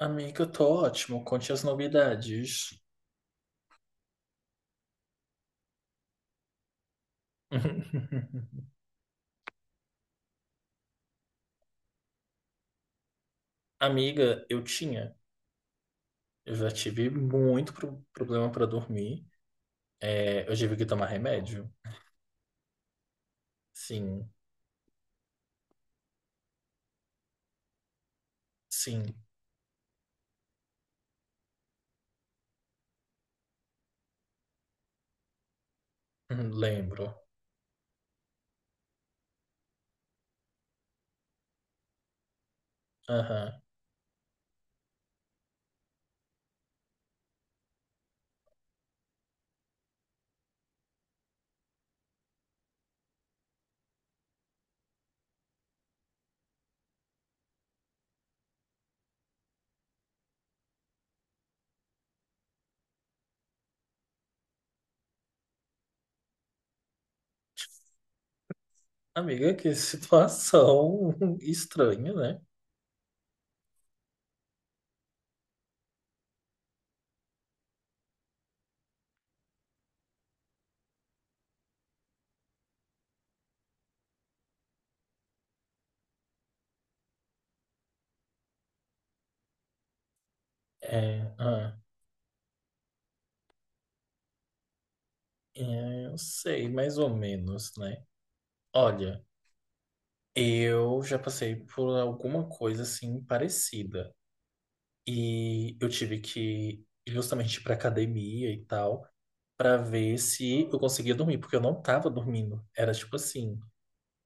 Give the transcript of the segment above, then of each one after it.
Amiga, eu tô ótimo. Conte as novidades. Amiga, eu tinha. Eu já tive muito problema pra dormir. É, eu tive que tomar remédio. Sim, sim. Lembro. Aham. Amiga, que situação estranha, né? É, ah, é, eu sei, mais ou menos, né? Olha, eu já passei por alguma coisa assim parecida. E eu tive que ir justamente para academia e tal, para ver se eu conseguia dormir, porque eu não tava dormindo. Era tipo assim,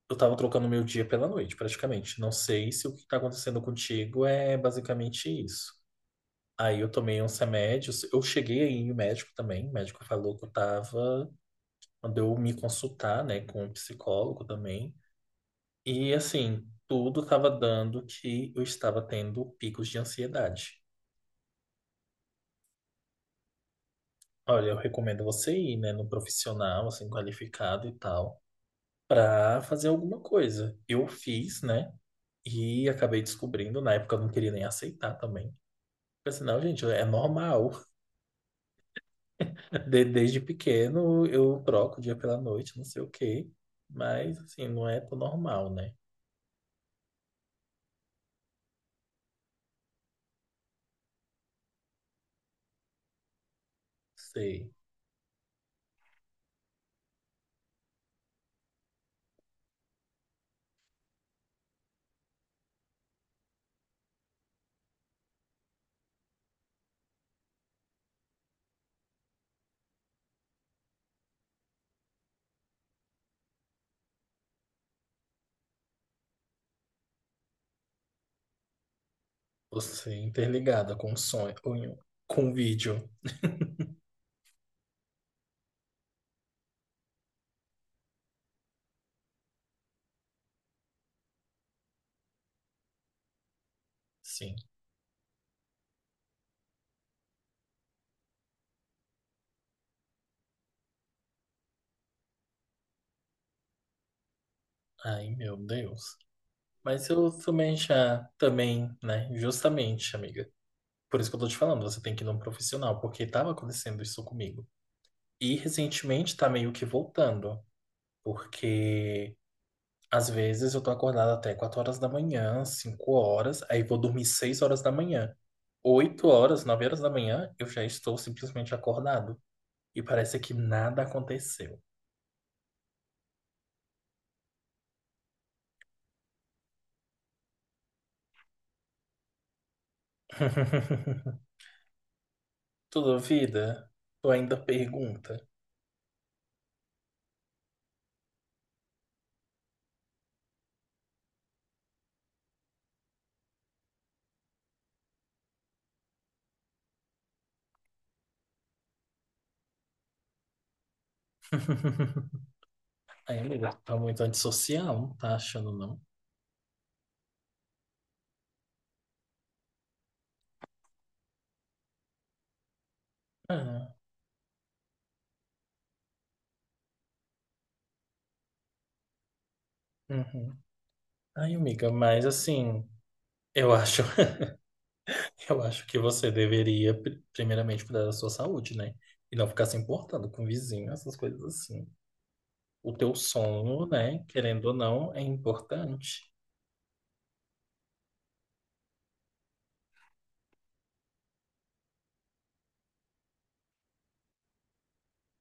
eu tava trocando meu dia pela noite, praticamente. Não sei se o que tá acontecendo contigo é basicamente isso. Aí eu tomei uns remédios, eu cheguei aí em médico também, o médico falou que eu tava, mandou eu me consultar, né, com um psicólogo também. E assim, tudo tava dando que eu estava tendo picos de ansiedade. Olha, eu recomendo você ir, né, no profissional, assim, qualificado e tal, pra fazer alguma coisa. Eu fiz, né, e acabei descobrindo, na época eu não queria nem aceitar também. Porque assim, não, gente, é normal. Desde pequeno eu troco o dia pela noite, não sei o quê. Mas, assim, não é tão normal, né? Sei. Você interligada com um sonho, com um vídeo. Sim. Ai, meu Deus. Mas eu também já, também, né, justamente, amiga. Por isso que eu tô te falando, você tem que ir num profissional, porque estava acontecendo isso comigo. E recentemente tá meio que voltando, porque às vezes eu tô acordado até 4 horas da manhã, 5 horas, aí vou dormir 6 horas da manhã. 8 horas, 9 horas da manhã, eu já estou simplesmente acordado. E parece que nada aconteceu. Tu duvida? Tu ainda pergunta. Ai, amiga, tu tá muito antissocial, não tá achando, não? Ah, uhum. Ai, amiga, mas assim. Eu acho, eu acho que você deveria, primeiramente, cuidar da sua saúde, né? E não ficar se importando com o vizinho, essas coisas assim. O teu sono, né? Querendo ou não, é importante.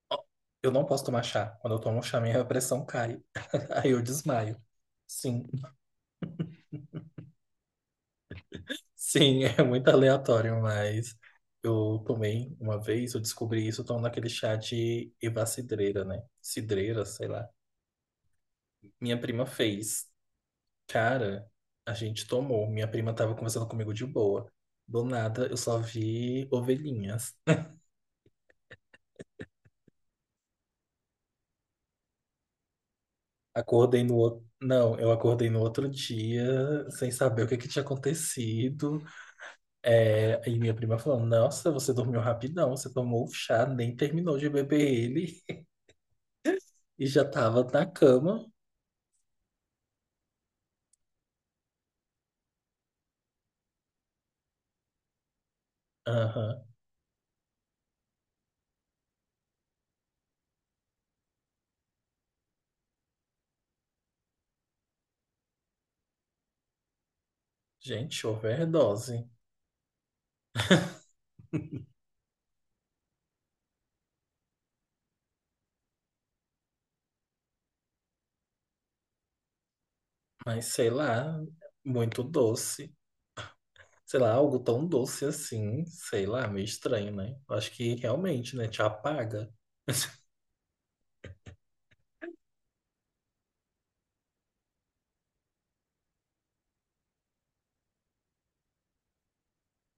Ó, eu não posso tomar chá. Quando eu tomo chá, minha pressão cai. Aí eu desmaio. Sim, sim, é muito aleatório, mas eu tomei uma vez, eu descobri isso tomando aquele chá de eva cidreira, né? Cidreira, sei lá. Minha prima fez. Cara, a gente tomou. Minha prima tava conversando comigo de boa. Do nada, eu só vi ovelhinhas. Acordei no outro. Não, eu acordei no outro dia sem saber o que é que tinha acontecido. E minha prima falou: "Nossa, você dormiu rapidão, você tomou o chá, nem terminou de beber ele e já tava na cama." Aham. Gente, overdose. Mas sei lá, muito doce. Sei lá, algo tão doce assim, sei lá, meio estranho, né? Eu acho que realmente, né, te apaga.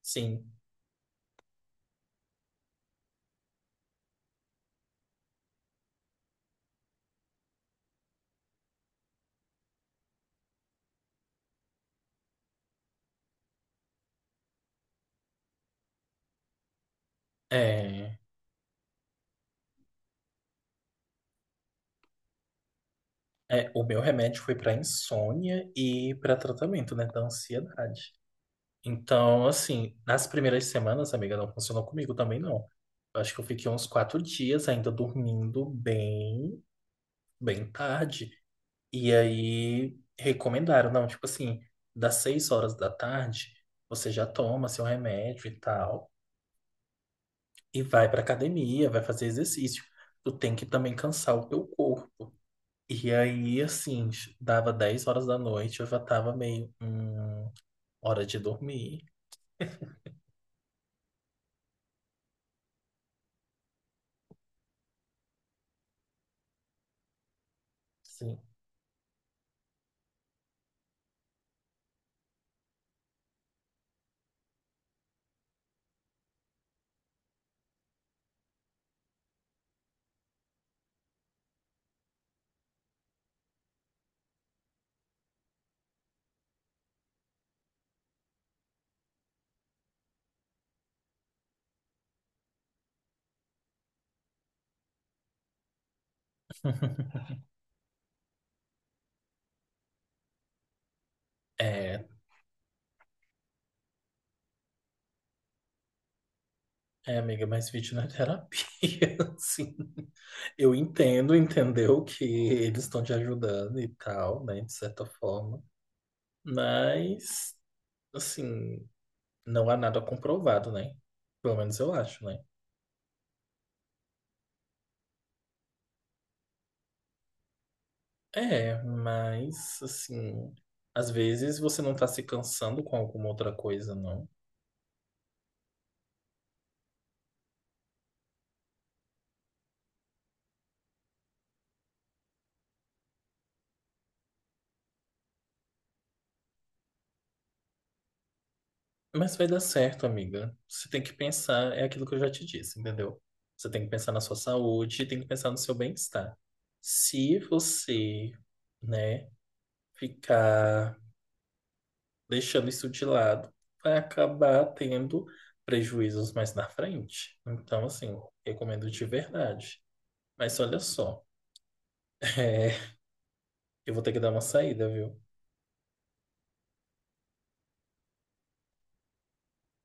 Sim. É, é, o meu remédio foi para insônia e para tratamento, né, da ansiedade. Então, assim, nas primeiras semanas, amiga, não funcionou comigo também, não. Eu acho que eu fiquei uns quatro dias ainda dormindo bem, bem tarde. E aí recomendaram, não, tipo assim, das 6 horas da tarde, você já toma seu remédio e tal. E vai para academia, vai fazer exercício. Tu tem que também cansar o teu corpo. E aí, assim, dava 10 horas da noite, eu já tava meio, hora de dormir. Sim. É, é, amiga, mas vídeo não é terapia, assim. Eu entendo, entendeu que eles estão te ajudando e tal, né, de certa forma. Mas, assim, não há nada comprovado, né? Pelo menos eu acho, né? É, mas assim, às vezes você não tá se cansando com alguma outra coisa, não. Mas vai dar certo, amiga. Você tem que pensar, é aquilo que eu já te disse, entendeu? Você tem que pensar na sua saúde, tem que pensar no seu bem-estar. Se você, né, ficar deixando isso de lado, vai acabar tendo prejuízos mais na frente. Então, assim, recomendo de verdade. Mas olha só, é, eu vou ter que dar uma saída, viu?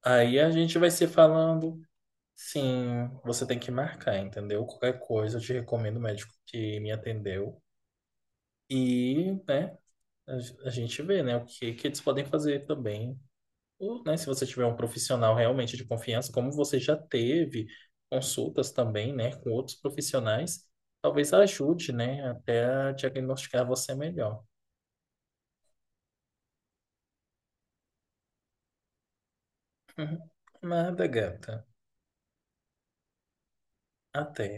Aí a gente vai se falando. Sim, você tem que marcar, entendeu? Qualquer coisa, eu te recomendo o médico que me atendeu. E, né, a gente vê, né, o que, que eles podem fazer também. Ou, né, se você tiver um profissional realmente de confiança, como você já teve consultas também, né, com outros profissionais, talvez ajude, né, até a diagnosticar você melhor. Nada, gata. Até.